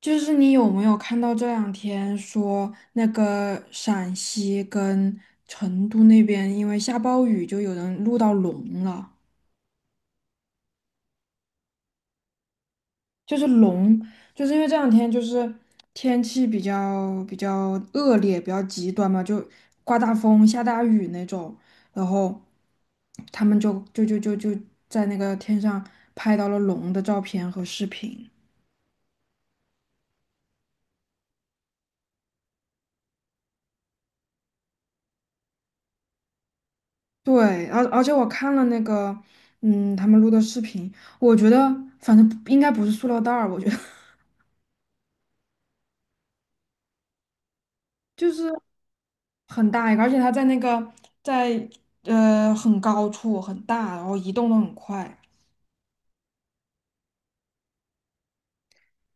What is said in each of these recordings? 就是你有没有看到这两天说那个陕西跟成都那边因为下暴雨，就有人录到龙了，就是龙。就是因为这两天就是天气比较恶劣，比较极端嘛，就刮大风、下大雨那种，然后他们就在那个天上拍到了龙的照片和视频。对，而且我看了那个，嗯，他们录的视频，我觉得反正应该不是塑料袋儿，我觉得 就是很大一个，而且它在那个在很高处很大，然后移动的很快。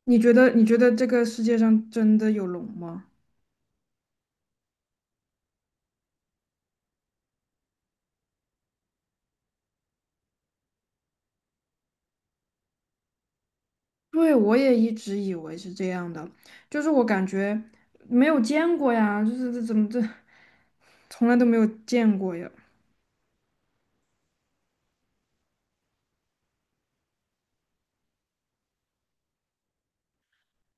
你觉得这个世界上真的有龙吗？对，我也一直以为是这样的，就是我感觉没有见过呀，就是这怎么这从来都没有见过呀。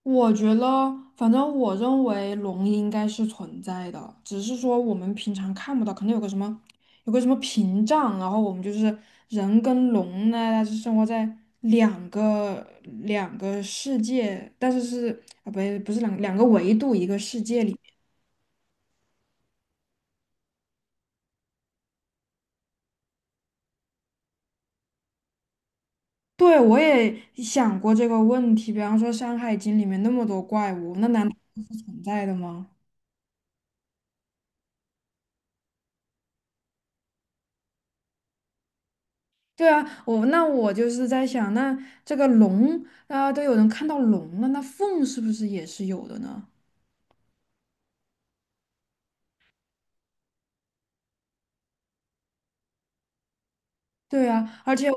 我觉得，反正我认为龙应该是存在的，只是说我们平常看不到，可能有个什么，有个什么屏障，然后我们就是人跟龙呢，它是生活在两个两个世界，但是是啊，不是两个维度一个世界里。对，我也想过这个问题，比方说《山海经》里面那么多怪物，那难道是存在的吗？对啊，我那我就是在想，那这个龙啊、都有人看到龙了，那凤是不是也是有的呢？对啊，而且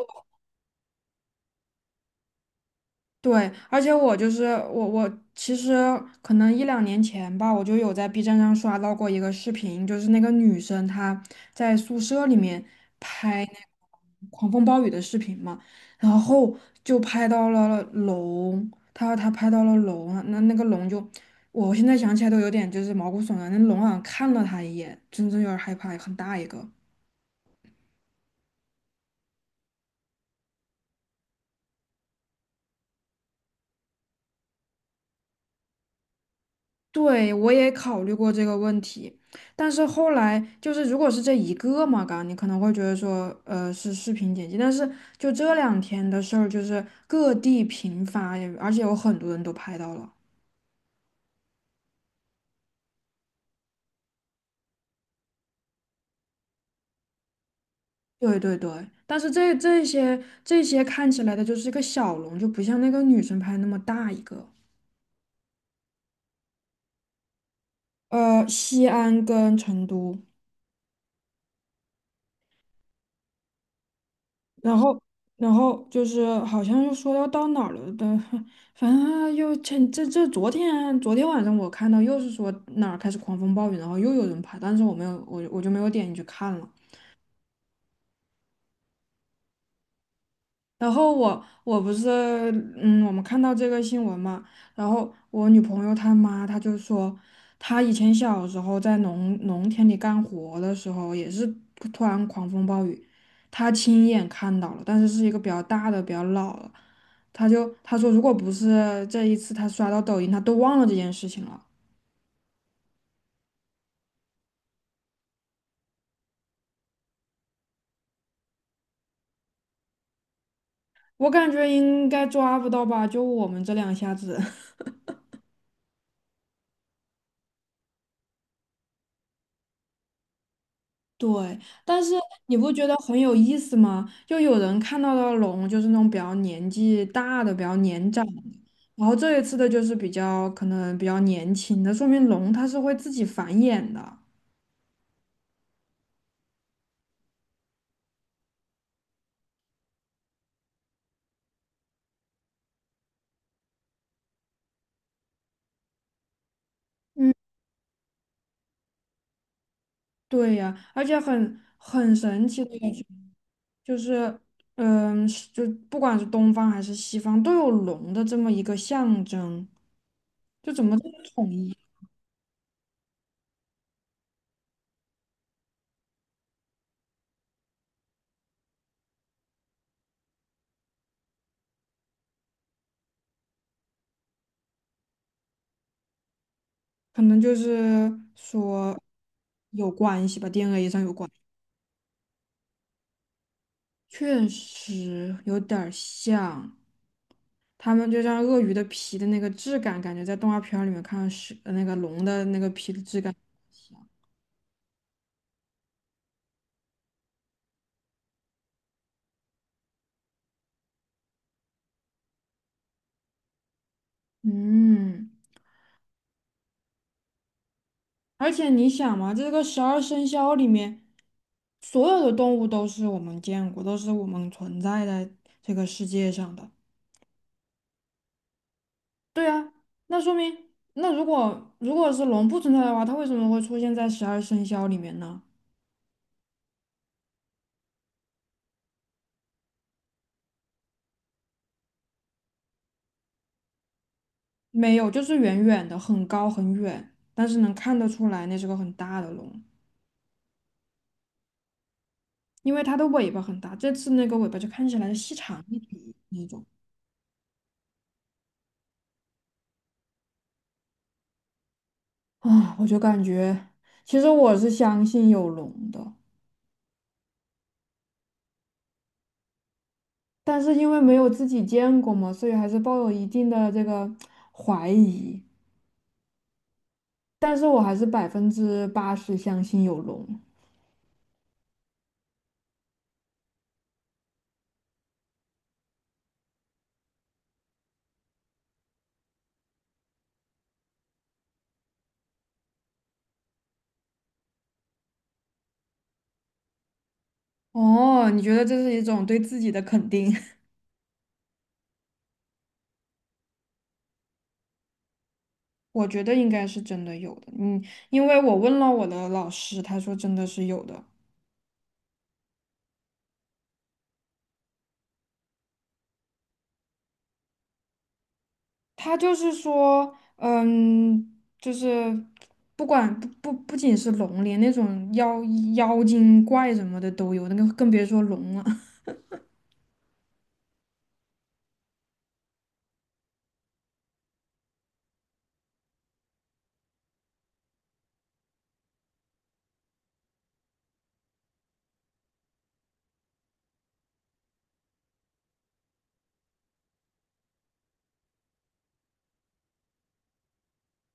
对，而且我就是我其实可能一两年前吧，我就有在 B 站上刷到过一个视频，就是那个女生她在宿舍里面拍那个狂风暴雨的视频嘛，然后就拍到了龙，她拍到了龙啊，那那个龙就，我现在想起来都有点就是毛骨悚然，那龙好像看了她一眼，真正有点害怕，很大一个。对，我也考虑过这个问题，但是后来就是，如果是这一个嘛，刚你可能会觉得说，是视频剪辑，但是就这两天的事儿，就是各地频发，也而且有很多人都拍到了。对对对，但是这些看起来的就是一个小龙，就不像那个女生拍那么大一个。呃，西安跟成都。然后，然后就是好像又说要到哪儿了的，反正又前这这昨天晚上我看到又是说哪儿开始狂风暴雨，然后又有人拍，但是我没有我就没有点进去看了。然后我不是嗯，我们看到这个新闻嘛，然后我女朋友她妈她就说，她以前小时候在农田里干活的时候，也是突然狂风暴雨，她亲眼看到了，但是是一个比较大的、比较老了，她说，如果不是这一次她刷到抖音，她都忘了这件事情了。我感觉应该抓不到吧，就我们这两下子。对，但是你不觉得很有意思吗？就有人看到的龙就是那种比较年纪大的、比较年长的，然后这一次的就是比较可能比较年轻的，说明龙它是会自己繁衍的。嗯，对呀，而且很神奇的一句，就是嗯，是就不管是东方还是西方，都有龙的这么一个象征，就怎么这么统一？可能就是说有关系吧，DNA 上有关。确实有点儿像，他们就像鳄鱼的皮的那个质感，感觉在动画片儿里面看到是那个龙的那个皮的质感像。嗯，而且你想嘛，这个十二生肖里面，所有的动物都是我们见过，都是我们存在在这个世界上的。对啊，那说明，那如果是龙不存在的话，它为什么会出现在十二生肖里面呢？没有，就是远远的，很高很远，但是能看得出来那是个很大的龙，因为它的尾巴很大。这次那个尾巴就看起来细长一点那种啊，我就感觉，其实我是相信有龙的，但是因为没有自己见过嘛，所以还是抱有一定的这个怀疑。但是我还是百分之八十相信有龙。哦，你觉得这是一种对自己的肯定？我觉得应该是真的有的，嗯，因为我问了我的老师，他说真的是有的。他就是说，嗯，就是不管不不不仅是龙，连那种妖精怪什么的都有，那个更别说龙了。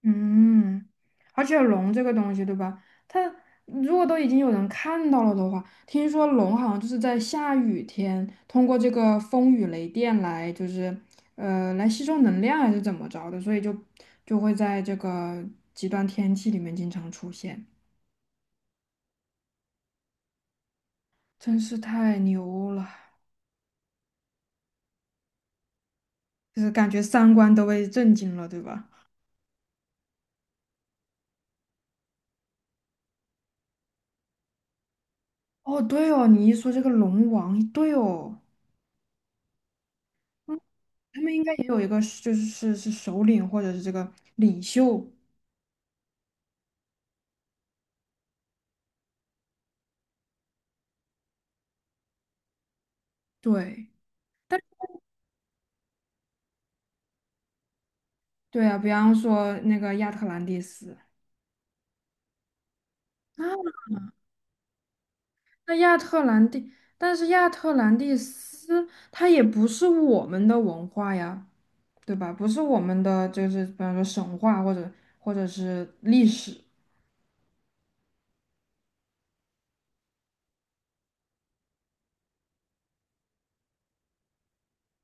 嗯，而且龙这个东西，对吧？它如果都已经有人看到了的话，听说龙好像就是在下雨天，通过这个风雨雷电来，就是来吸收能量还是怎么着的，所以就就会在这个极端天气里面经常出现，真是太牛了，就是感觉三观都被震惊了，对吧？哦，对哦，你一说这个龙王，对哦，嗯，他们应该也有一个是就是首领或者是这个领袖。对对啊，比方说那个亚特兰蒂斯啊，那亚特兰蒂，但是亚特兰蒂斯它也不是我们的文化呀，对吧？不是我们的，就是比方说神话或者或者是历史。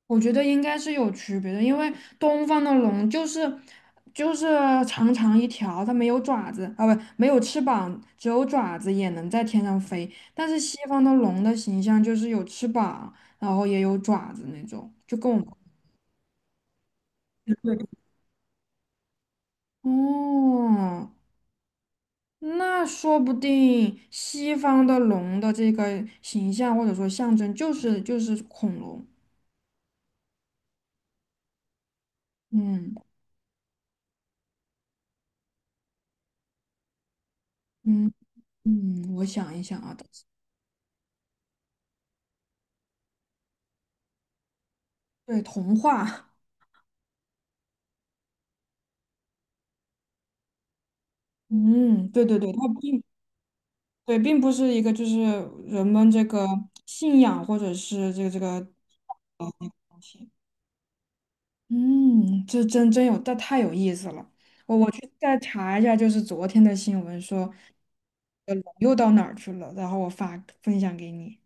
我觉得应该是有区别的，因为东方的龙就是长长一条，它没有爪子啊，不，没有翅膀，只有爪子也能在天上飞。但是西方的龙的形象就是有翅膀，然后也有爪子那种，就跟我们哦，那说不定西方的龙的这个形象或者说象征就是恐龙。嗯嗯嗯，我想一想啊，对，童话。嗯，对对对，它并对，并不是一个就是人们这个信仰或者是这个呃东西。嗯，这真有，这太有意思了。我去再查一下，就是昨天的新闻说，呃，龙又到哪儿去了，然后我发分享给你。